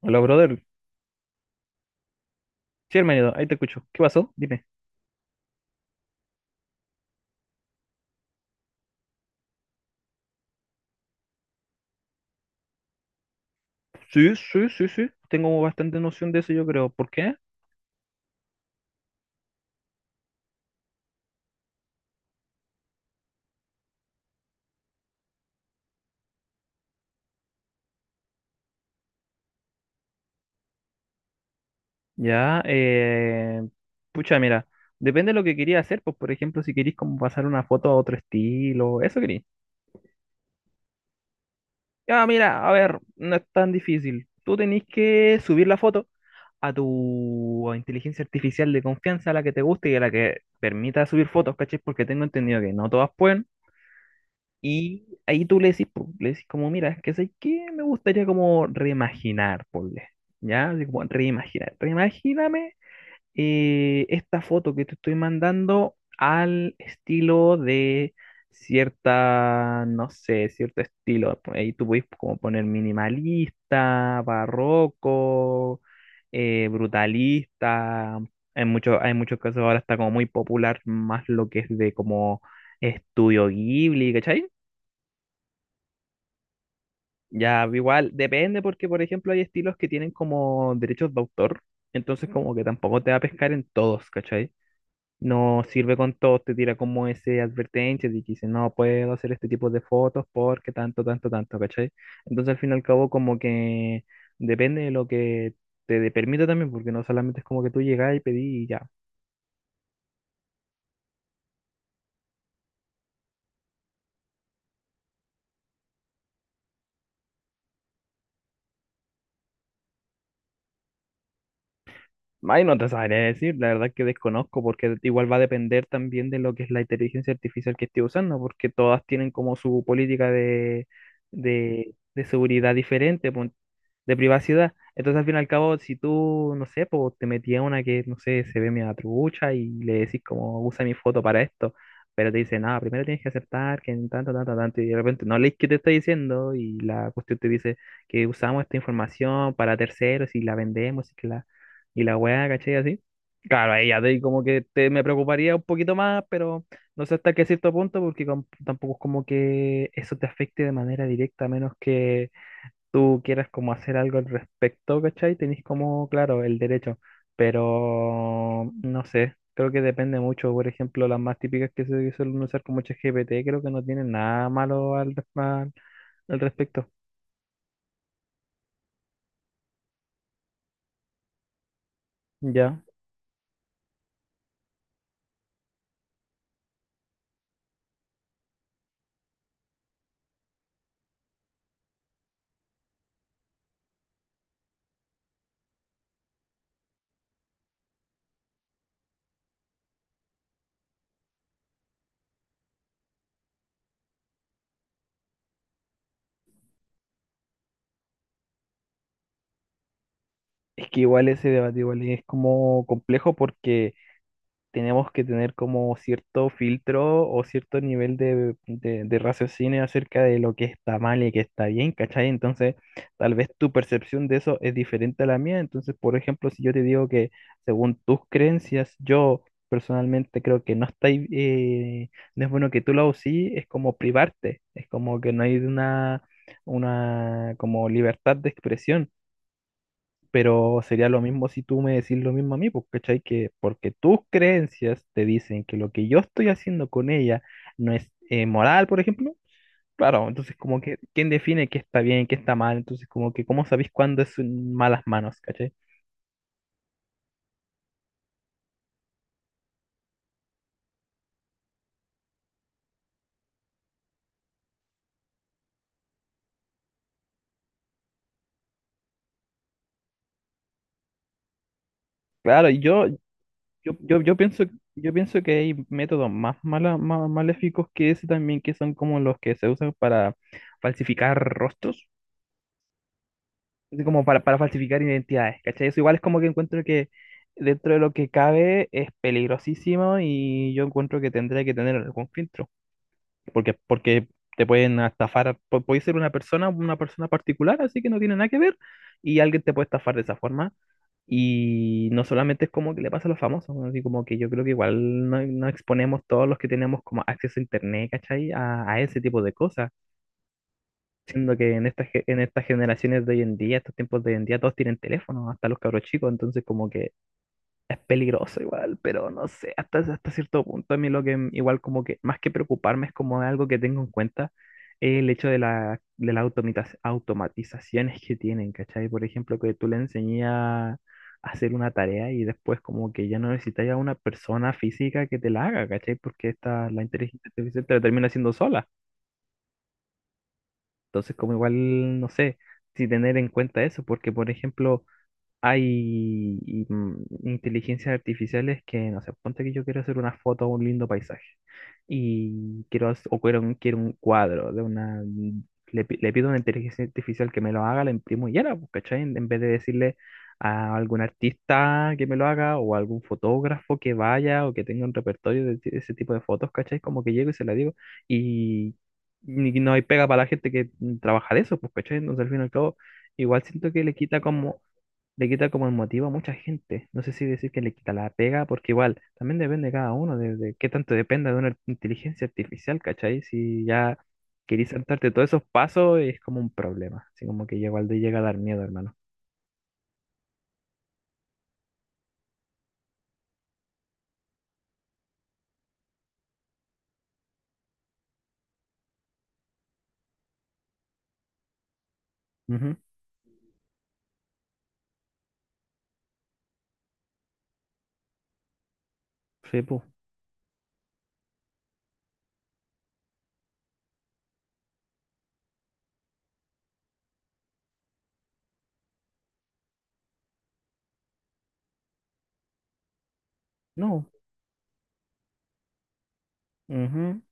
Hola, brother. Sí, hermanito, ahí te escucho. ¿Qué pasó? Dime. Sí, sí, sí, sí. Tengo bastante noción de eso, yo creo. ¿Por qué? Ya, pucha, mira. Depende de lo que quería hacer. Pues, por ejemplo, si querís como pasar una foto a otro estilo. Eso querís. Ya, mira, a ver. No es tan difícil. Tú tenés que subir la foto a tu inteligencia artificial de confianza, a la que te guste y a la que permita subir fotos, ¿cachai? Porque tengo entendido que no todas pueden. Y ahí tú le decís, po, le decís como, mira, es que sé que me gustaría como reimaginar, ponle, ¿ya? Así como reimaginar, reimagíname esta foto que te estoy mandando al estilo de cierta, no sé, cierto estilo. Por ahí tú puedes como poner minimalista, barroco, brutalista. En muchos, hay muchos casos ahora está como muy popular más lo que es de como estudio Ghibli, ¿cachai? Ya, igual, depende porque, por ejemplo, hay estilos que tienen como derechos de autor, entonces como que tampoco te va a pescar en todos, ¿cachai? No sirve con todos, te tira como ese advertencia de que dice, no puedo hacer este tipo de fotos porque tanto, tanto, tanto, ¿cachai? Entonces al fin y al cabo como que depende de lo que permita también, porque no solamente es como que tú llegás y pedís y ya. Ay, no te sabría decir, la verdad que desconozco, porque igual va a depender también de lo que es la inteligencia artificial que esté usando, porque todas tienen como su política de, de seguridad diferente, de privacidad. Entonces, al fin y al cabo, si tú, no sé, pues te metías una que, no sé, se ve media trucha y le decís como, usa mi foto para esto, pero te dice, nada, primero tienes que aceptar que en tanto, tanto, tanto, y de repente no lees qué te está diciendo y la cuestión te dice que usamos esta información para terceros y la vendemos y la weá, ¿cachai? Así. Claro, ahí como que te, me preocuparía un poquito más, pero no sé hasta qué cierto punto, porque tampoco es como que eso te afecte de manera directa, a menos que tú quieras como hacer algo al respecto, ¿cachai? Tenés como, claro, el derecho, pero no sé, creo que depende mucho. Por ejemplo, las más típicas que se suelen usar como ChatGPT, creo que no tienen nada malo al respecto, ¿ya? Es que igual ese debate igual es como complejo porque tenemos que tener como cierto filtro o cierto nivel de, de raciocinio acerca de lo que está mal y que está bien, ¿cachai? Entonces, tal vez tu percepción de eso es diferente a la mía. Entonces, por ejemplo, si yo te digo que según tus creencias, yo personalmente creo que no está, ahí, no es bueno que tú lo sí, es como privarte, es como que no hay una como libertad de expresión pero sería lo mismo si tú me decís lo mismo a mí, pues, ¿cachai? Que porque tus creencias te dicen que lo que yo estoy haciendo con ella no es moral, por ejemplo. Claro, entonces como que, ¿quién define qué está bien, qué está mal? Entonces como que, ¿cómo sabéis cuándo es en malas manos, ¿cachai? Claro, y yo pienso, yo pienso que hay métodos más, más maléficos que ese también, que son como los que se usan para falsificar rostros. Así como para falsificar identidades, ¿cachai? Eso igual es como que encuentro que dentro de lo que cabe es peligrosísimo y yo encuentro que tendría que tener algún filtro, porque, porque te pueden estafar, puede ser una persona particular, así que no tiene nada que ver, y alguien te puede estafar de esa forma. Y no solamente es como que le pasa a los famosos, ¿no? Así como que yo creo que igual no, no exponemos todos los que tenemos como acceso a internet, ¿cachai? A ese tipo de cosas. Siendo que en estas, en estas generaciones de hoy en día, estos tiempos de hoy en día, todos tienen teléfono, hasta los cabros chicos, entonces como que es peligroso igual, pero no sé, hasta, hasta cierto punto a mí lo que igual como que más que preocuparme es como algo que tengo en cuenta, el hecho de la, de las automatizaciones que tienen, ¿cachai? Por ejemplo, que tú le enseñas a hacer una tarea y después como que ya no necesitas a una persona física que te la haga, ¿cachai? Porque esta, la inteligencia artificial te la termina haciendo sola. Entonces, como igual, no sé si tener en cuenta eso, porque por ejemplo, hay inteligencias artificiales que, no sé, ponte que yo quiero hacer una foto a un lindo paisaje y quiero, hac- o quiero un cuadro de una... Le pido a una inteligencia artificial que me lo haga, la imprimo y ya, la, pues, ¿cachai? En vez de decirle a algún artista que me lo haga o a algún fotógrafo que vaya o que tenga un repertorio de ese tipo de fotos, ¿cachai? Como que llego y se la digo y, no hay pega para la gente que trabaja de eso, pues, ¿cachai? Entonces al fin y al cabo, igual siento que le quita como el motivo a mucha gente. No sé si decir que le quita la pega, porque igual también depende de cada uno, de qué tanto dependa de una inteligencia artificial, ¿cachai? Si ya querís saltarte todos esos pasos, es como un problema. Así como que ya igual te llega a dar miedo, hermano. Ujú. Sí, pues. No. Ujú.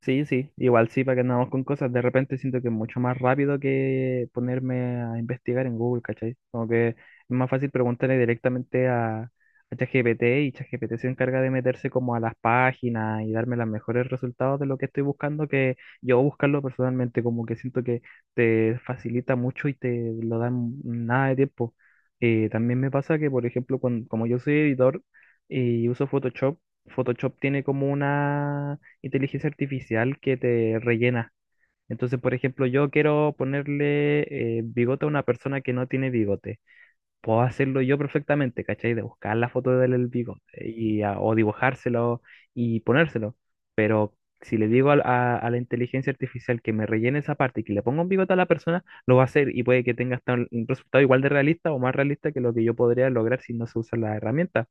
Sí, sí, igual sí, para que andamos con cosas. De repente siento que es mucho más rápido que ponerme a investigar en Google, ¿cachai? Como que es más fácil preguntarle directamente a ChatGPT y ChatGPT se encarga de meterse como a las páginas y darme los mejores resultados de lo que estoy buscando que yo buscarlo personalmente, como que siento que te facilita mucho y te lo dan nada de tiempo. También me pasa que, por ejemplo, cuando, como yo soy editor y uso Photoshop, Photoshop tiene como una inteligencia artificial que te rellena. Entonces, por ejemplo, yo quiero ponerle bigote a una persona que no tiene bigote. Puedo hacerlo yo perfectamente, ¿cachai? De buscar la foto del bigote y, a- o dibujárselo y ponérselo. Pero si le digo a la inteligencia artificial que me rellene esa parte y que le ponga un bigote a la persona, lo va a hacer y puede que tenga hasta un resultado igual de realista o más realista que lo que yo podría lograr si no se usa la herramienta.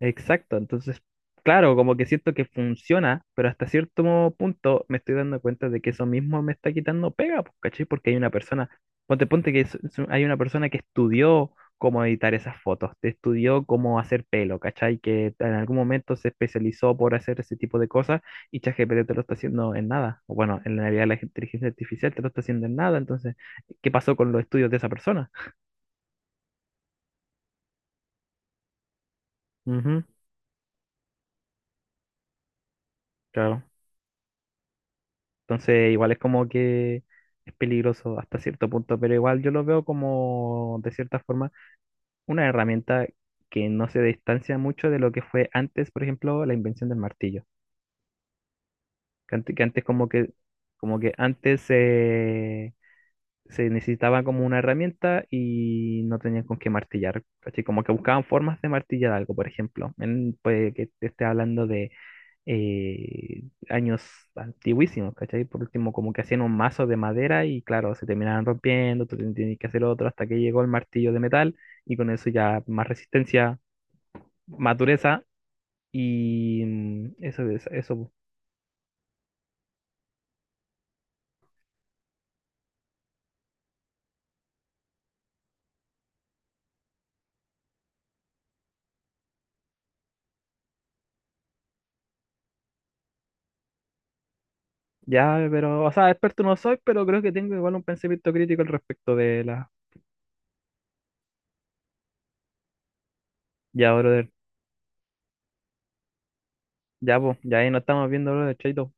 Exacto, entonces, claro, como que siento que funciona, pero hasta cierto punto me estoy dando cuenta de que eso mismo me está quitando pega, pues, ¿cachai? Porque hay una persona, ponte que hay una persona que estudió cómo editar esas fotos, te estudió cómo hacer pelo, ¿cachai? Que en algún momento se especializó por hacer ese tipo de cosas y ChatGPT te lo está haciendo en nada. O bueno, en realidad la inteligencia artificial te lo está haciendo en nada, entonces, ¿qué pasó con los estudios de esa persona? Ujú, claro. Entonces, igual es como que es peligroso hasta cierto punto, pero igual yo lo veo como, de cierta forma, una herramienta que no se distancia mucho de lo que fue antes, por ejemplo, la invención del martillo. Que antes como que antes se necesitaba como una herramienta y no tenían con qué martillar, ¿cachai? Como que buscaban formas de martillar algo, por ejemplo. Puede que te esté hablando de eh, años antiguísimos, ¿cachai? Por último, como que hacían un mazo de madera y claro, se terminaban rompiendo, tenías que hacer otro hasta que llegó el martillo de metal y con eso ya más resistencia, más dureza y eso, eso. Po. Ya, pero, o sea, experto no soy, pero creo que tengo igual un pensamiento crítico al respecto de la... Ya, brother, ya, pues, ya ahí nos estamos viendo, brother, chaito.